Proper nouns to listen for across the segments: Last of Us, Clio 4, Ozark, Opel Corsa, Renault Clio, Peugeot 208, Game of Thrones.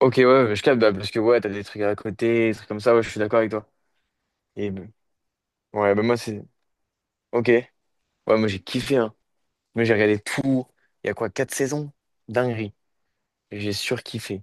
Ok, ouais, ouais, je capte, bah, parce que ouais, t'as des trucs à côté, des trucs comme ça, ouais, je suis d'accord avec toi. Et bah, ouais, bah moi c'est. Ok. Ouais, moi j'ai kiffé, hein. Moi j'ai regardé tout. Il y a quoi, 4 saisons? Dinguerie. J'ai surkiffé.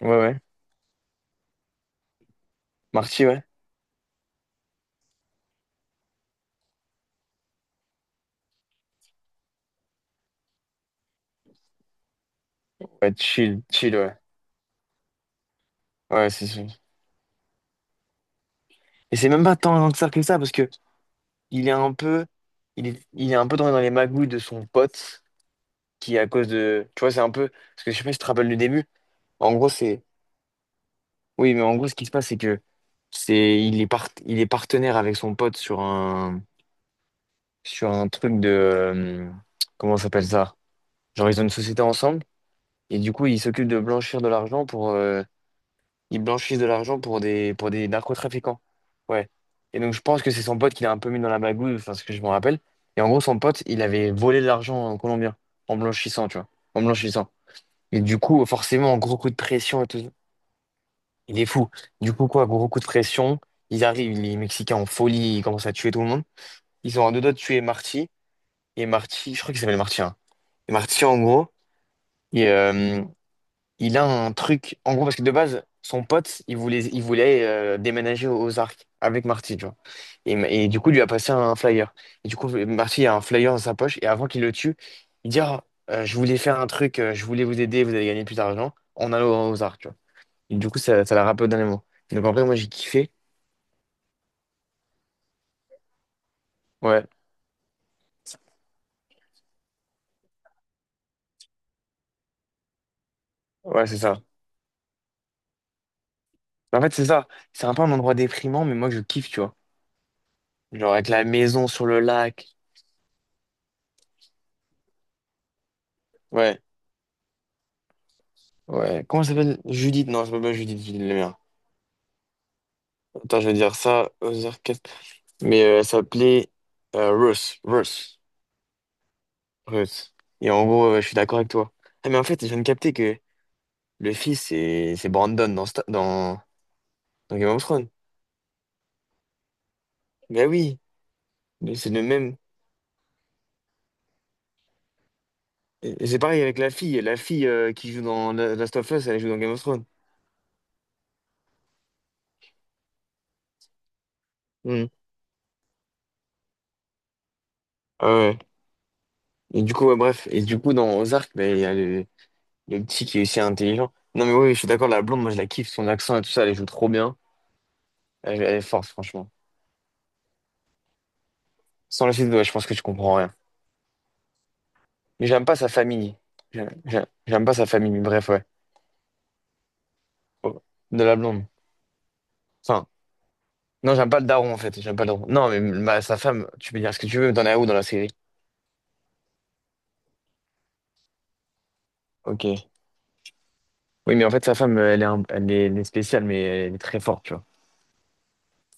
Ouais, ouais. Marty, ouais. Ouais, chill, chill, ouais. Ouais, c'est sûr. Et c'est même pas tant que ça, parce que il est un peu. Il est un peu dans les magouilles de son pote, qui à cause de. Tu vois, c'est un peu. Parce que je sais pas si tu te rappelles du début. En gros, c'est. Oui, mais en gros, ce qui se passe, c'est que c'est il est part, il est partenaire avec son pote sur un truc de comment ça s'appelle ça? Genre ils ont une société ensemble et du coup ils s'occupent de blanchir de l'argent pour, ils blanchissent de l'argent pour des narcotrafiquants. Ouais. Et donc je pense que c'est son pote qui l'a un peu mis dans la bagouille, enfin ce que je me rappelle. Et en gros son pote il avait volé de l'argent en colombien en blanchissant, tu vois, en blanchissant. Et du coup forcément gros coup de pression et tout. Il est fou. Du coup, quoi, gros coup de pression. Ils arrivent, les Mexicains en folie, ils commencent à tuer tout le monde. Ils sont à deux doigts de tuer Marty. Et Marty, je crois qu'il s'appelle Marty, hein. Et Marty, en gros, il, euh, il a un truc. En gros, parce que de base, son pote, il voulait déménager aux Arcs avec Marty, tu vois. Et du coup, il lui a passé un flyer. Et du coup, Marty a un flyer dans sa poche. Et avant qu'il le tue, il dit, Ah, je voulais faire un truc, je voulais vous aider, vous allez gagner plus d'argent en allant aux Arcs, tu vois. Et du coup, ça l'a rappelé au dernier moment. Donc, en vrai, moi, j'ai kiffé. Ouais, ouais, c'est ça. En fait, c'est ça. C'est un peu un endroit déprimant, mais moi, je kiffe, tu vois. Genre avec la maison sur le lac. Ouais, ouais. Comment ça s'appelle? Judith. Non, je pas Judith, Judith le mien. Attends, je vais dire ça aux orchestres. Elle s'appelait Ruth. Ruth. Ruth. Et en gros, je suis d'accord avec toi. Ah, mais en fait, je viens de capter que le fils, c'est Brandon dans Game of Thrones. Ben oui, mais c'est le même. Et c'est pareil avec la fille. La fille qui joue dans Last of Us, elle joue dans Game of Thrones. Hmm. Ah ouais. Et du coup, ouais, bref. Et du coup, dans Ozark, ben, il y a le petit qui est aussi intelligent. Non, mais oui, je suis d'accord, la blonde, moi, je la kiffe, son accent et tout ça, elle joue trop bien. Elle, elle est forte, franchement. Sans la suite, ouais, je pense que tu comprends rien. Mais j'aime pas sa famille. J'aime pas sa famille, mais bref, ouais. Oh, de la blonde. Enfin, non, j'aime pas le daron, en fait. J'aime pas le daron. Non, mais sa femme, tu peux dire ce que tu veux, t'en es où dans la série? Ok. Oui, mais en fait, sa femme, elle est spéciale, mais elle est très forte, tu vois.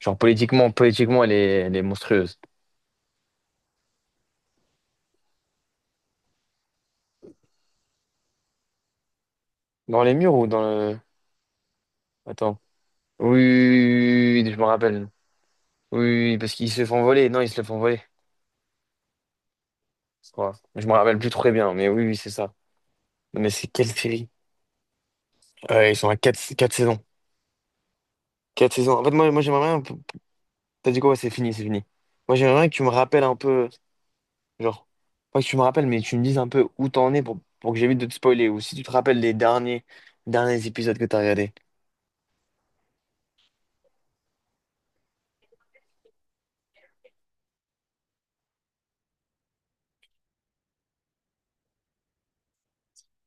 Genre, politiquement, politiquement, elle est monstrueuse. Dans les murs ou dans le. Attends. Oui, oui, oui, oui, oui, je me rappelle. Oui, oui, oui, parce qu'ils se font voler. Non, ils se le font voler. Je crois. Je me rappelle plus très bien, mais oui, oui, c'est ça. Non, mais c'est quelle série? Ils sont à quatre saisons. 4 saisons. En fait, moi, j'aimerais bien. T'as dit quoi? Ouais, c'est fini, c'est fini. Moi, j'aimerais bien que tu me rappelles un peu. Genre, pas que tu me rappelles, mais tu me dises un peu où t'en es pour, que j'évite de te spoiler. Ou si tu te rappelles les derniers épisodes que t'as regardés.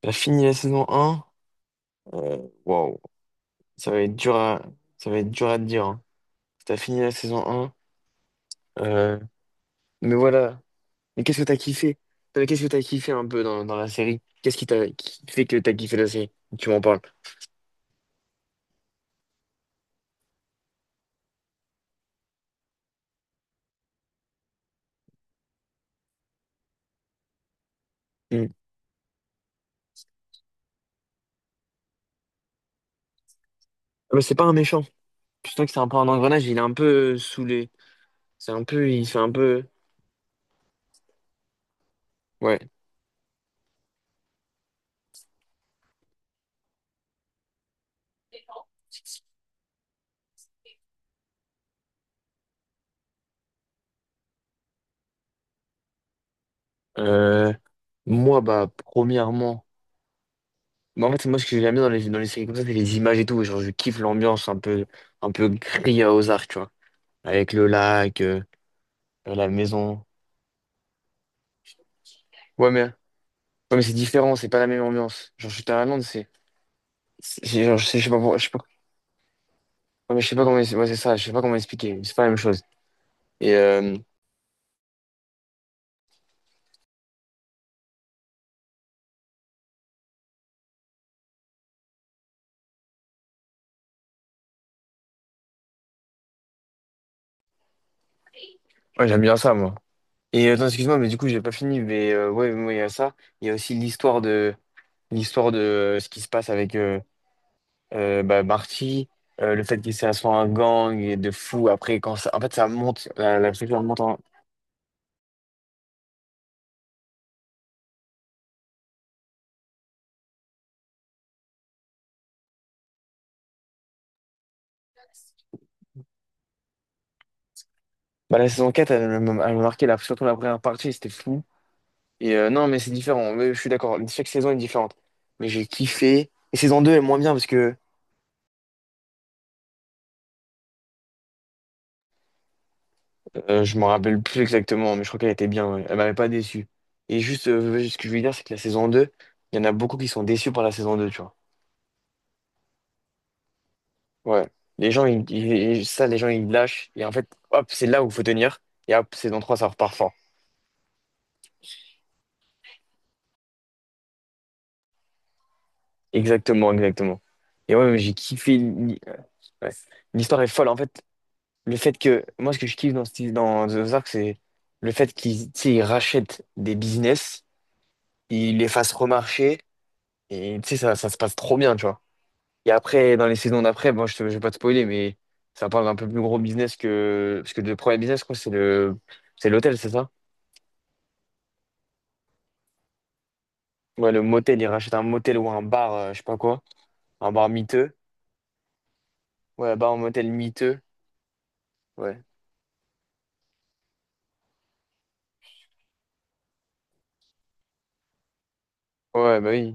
T'as fini la saison 1. Euh, wow. Ça va être dur à, ça va être dur à te dire, hein. T'as fini la saison un. Euh, mais voilà. Mais qu'est-ce que t'as kiffé? Non, mais qu'est-ce que t'as kiffé un peu dans la série? Qu'est-ce qui fait que t'as kiffé la série? Tu m'en parles. Mm. Ah bah, c'est pas un méchant. Je sens que c'est un peu un engrenage, il est un peu saoulé. C'est un peu, il fait un peu. Ouais. Euh, moi, bah, premièrement. Bah, en fait, moi, ce que j'aime bien dans les séries comme ça, c'est les images et tout. Genre, je kiffe l'ambiance un peu gris à Ozark, tu vois. Avec le lac, la maison. Ouais, mais c'est différent, c'est pas la même ambiance. Genre, je suis à Londres, genre, je sais pas, je sais pas. Ouais, mais je sais pas comment, ouais, c'est ça, je sais pas comment expliquer, mais c'est pas la même chose. Et euh, ouais, j'aime bien ça, moi. Attends, excuse-moi, mais du coup, j'ai pas fini, mais ouais, moi, il y a ça. Il y a aussi l'histoire de ce qui se passe avec bah, Marty, le fait qu'il s'est assis à un gang et de fou après quand ça en fait ça monte, la structure monte en. Bah, la saison 4 elle m'a marqué surtout la première partie, c'était fou. Non, mais c'est différent, mais je suis d'accord. Chaque saison est différente. Mais j'ai kiffé. Et saison 2 est moins bien parce que. Je m'en rappelle plus exactement, mais je crois qu'elle était bien, ouais. Elle m'avait pas déçu. Et juste, ouais, ce que je voulais dire, c'est que la saison 2 il y en a beaucoup qui sont déçus par la saison 2 tu vois. Ouais. Les gens, ça, les gens, ils lâchent. Et en fait, hop, c'est là où il faut tenir. Et hop, saison 3 ça repart fort. Exactement, exactement. Et ouais, mais j'ai kiffé. Ouais. L'histoire est folle. En fait, le fait que. Moi, ce que je kiffe dans, dans The Ozark, c'est le fait qu'ils, tu sais, ils rachètent des business, ils les fassent remarcher. Et tu sais, ça se passe trop bien, tu vois. Et après, dans les saisons d'après, bon, je vais pas te spoiler, mais ça parle d'un peu plus gros business que. Parce que le premier business, je crois, c'est l'hôtel, c'est ça? Ouais, le motel, il rachète un motel ou un bar, je sais pas quoi. Un bar miteux. Ouais, bar, un motel miteux. Ouais. Ouais, bah oui.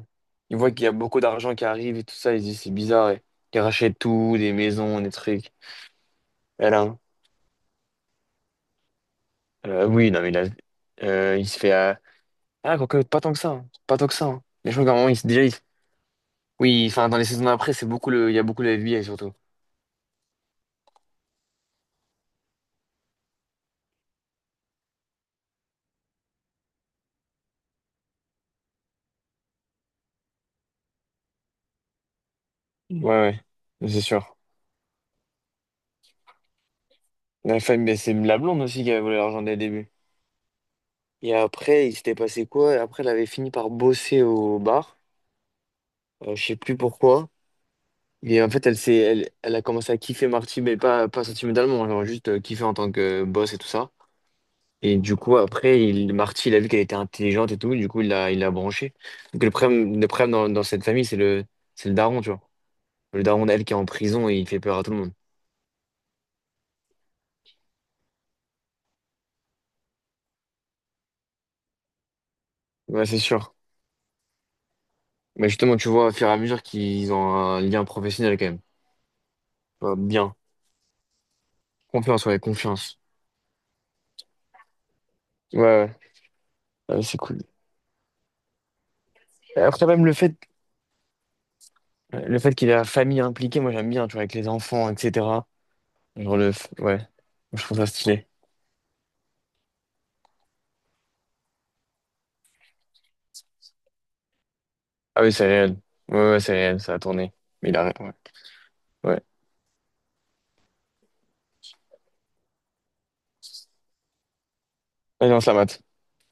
Ils voient qu'il y a beaucoup d'argent qui arrive et tout ça, ils se disent c'est bizarre. Et ils rachètent tout, des maisons, des trucs. Elle a un- oui, non, mais il se fait. Ah, quoique, pas tant que ça, hein. Pas tant que ça, hein. Mais je crois qu'à un moment, déjà, oui, enfin, dans les saisons d'après, il y a beaucoup le FBI surtout. Ouais, ouais, c'est sûr. La femme, mais c'est la blonde aussi qui avait voulu l'argent dès le début. Et après, il s'était passé quoi? Après, elle avait fini par bosser au bar. Je sais plus pourquoi. Et en fait, elle a commencé à kiffer Marty, mais pas, pas sentimentalement, genre juste kiffer en tant que boss et tout ça. Et du coup, après, il, Marty, il a vu qu'elle était intelligente et tout, du coup, il l'a branchée. Donc, le problème dans cette famille, c'est le daron, tu vois. Le daron, elle, qui est en prison et il fait peur à tout le monde. Ouais, c'est sûr. Mais justement, tu vois, au fur et à mesure qu'ils ont un lien professionnel quand même. Bien. Confiance. Ouais, ouais. C'est cool. Après, même le fait qu'il y ait la famille impliquée, moi j'aime bien, tu vois, avec les enfants, etc. Ouais. Je trouve ça stylé. Ah oui, c'est réel. Ouais, ouais, c'est réel, ça a tourné. Mais il a. Ouais. Ouais. Ah non, la mate.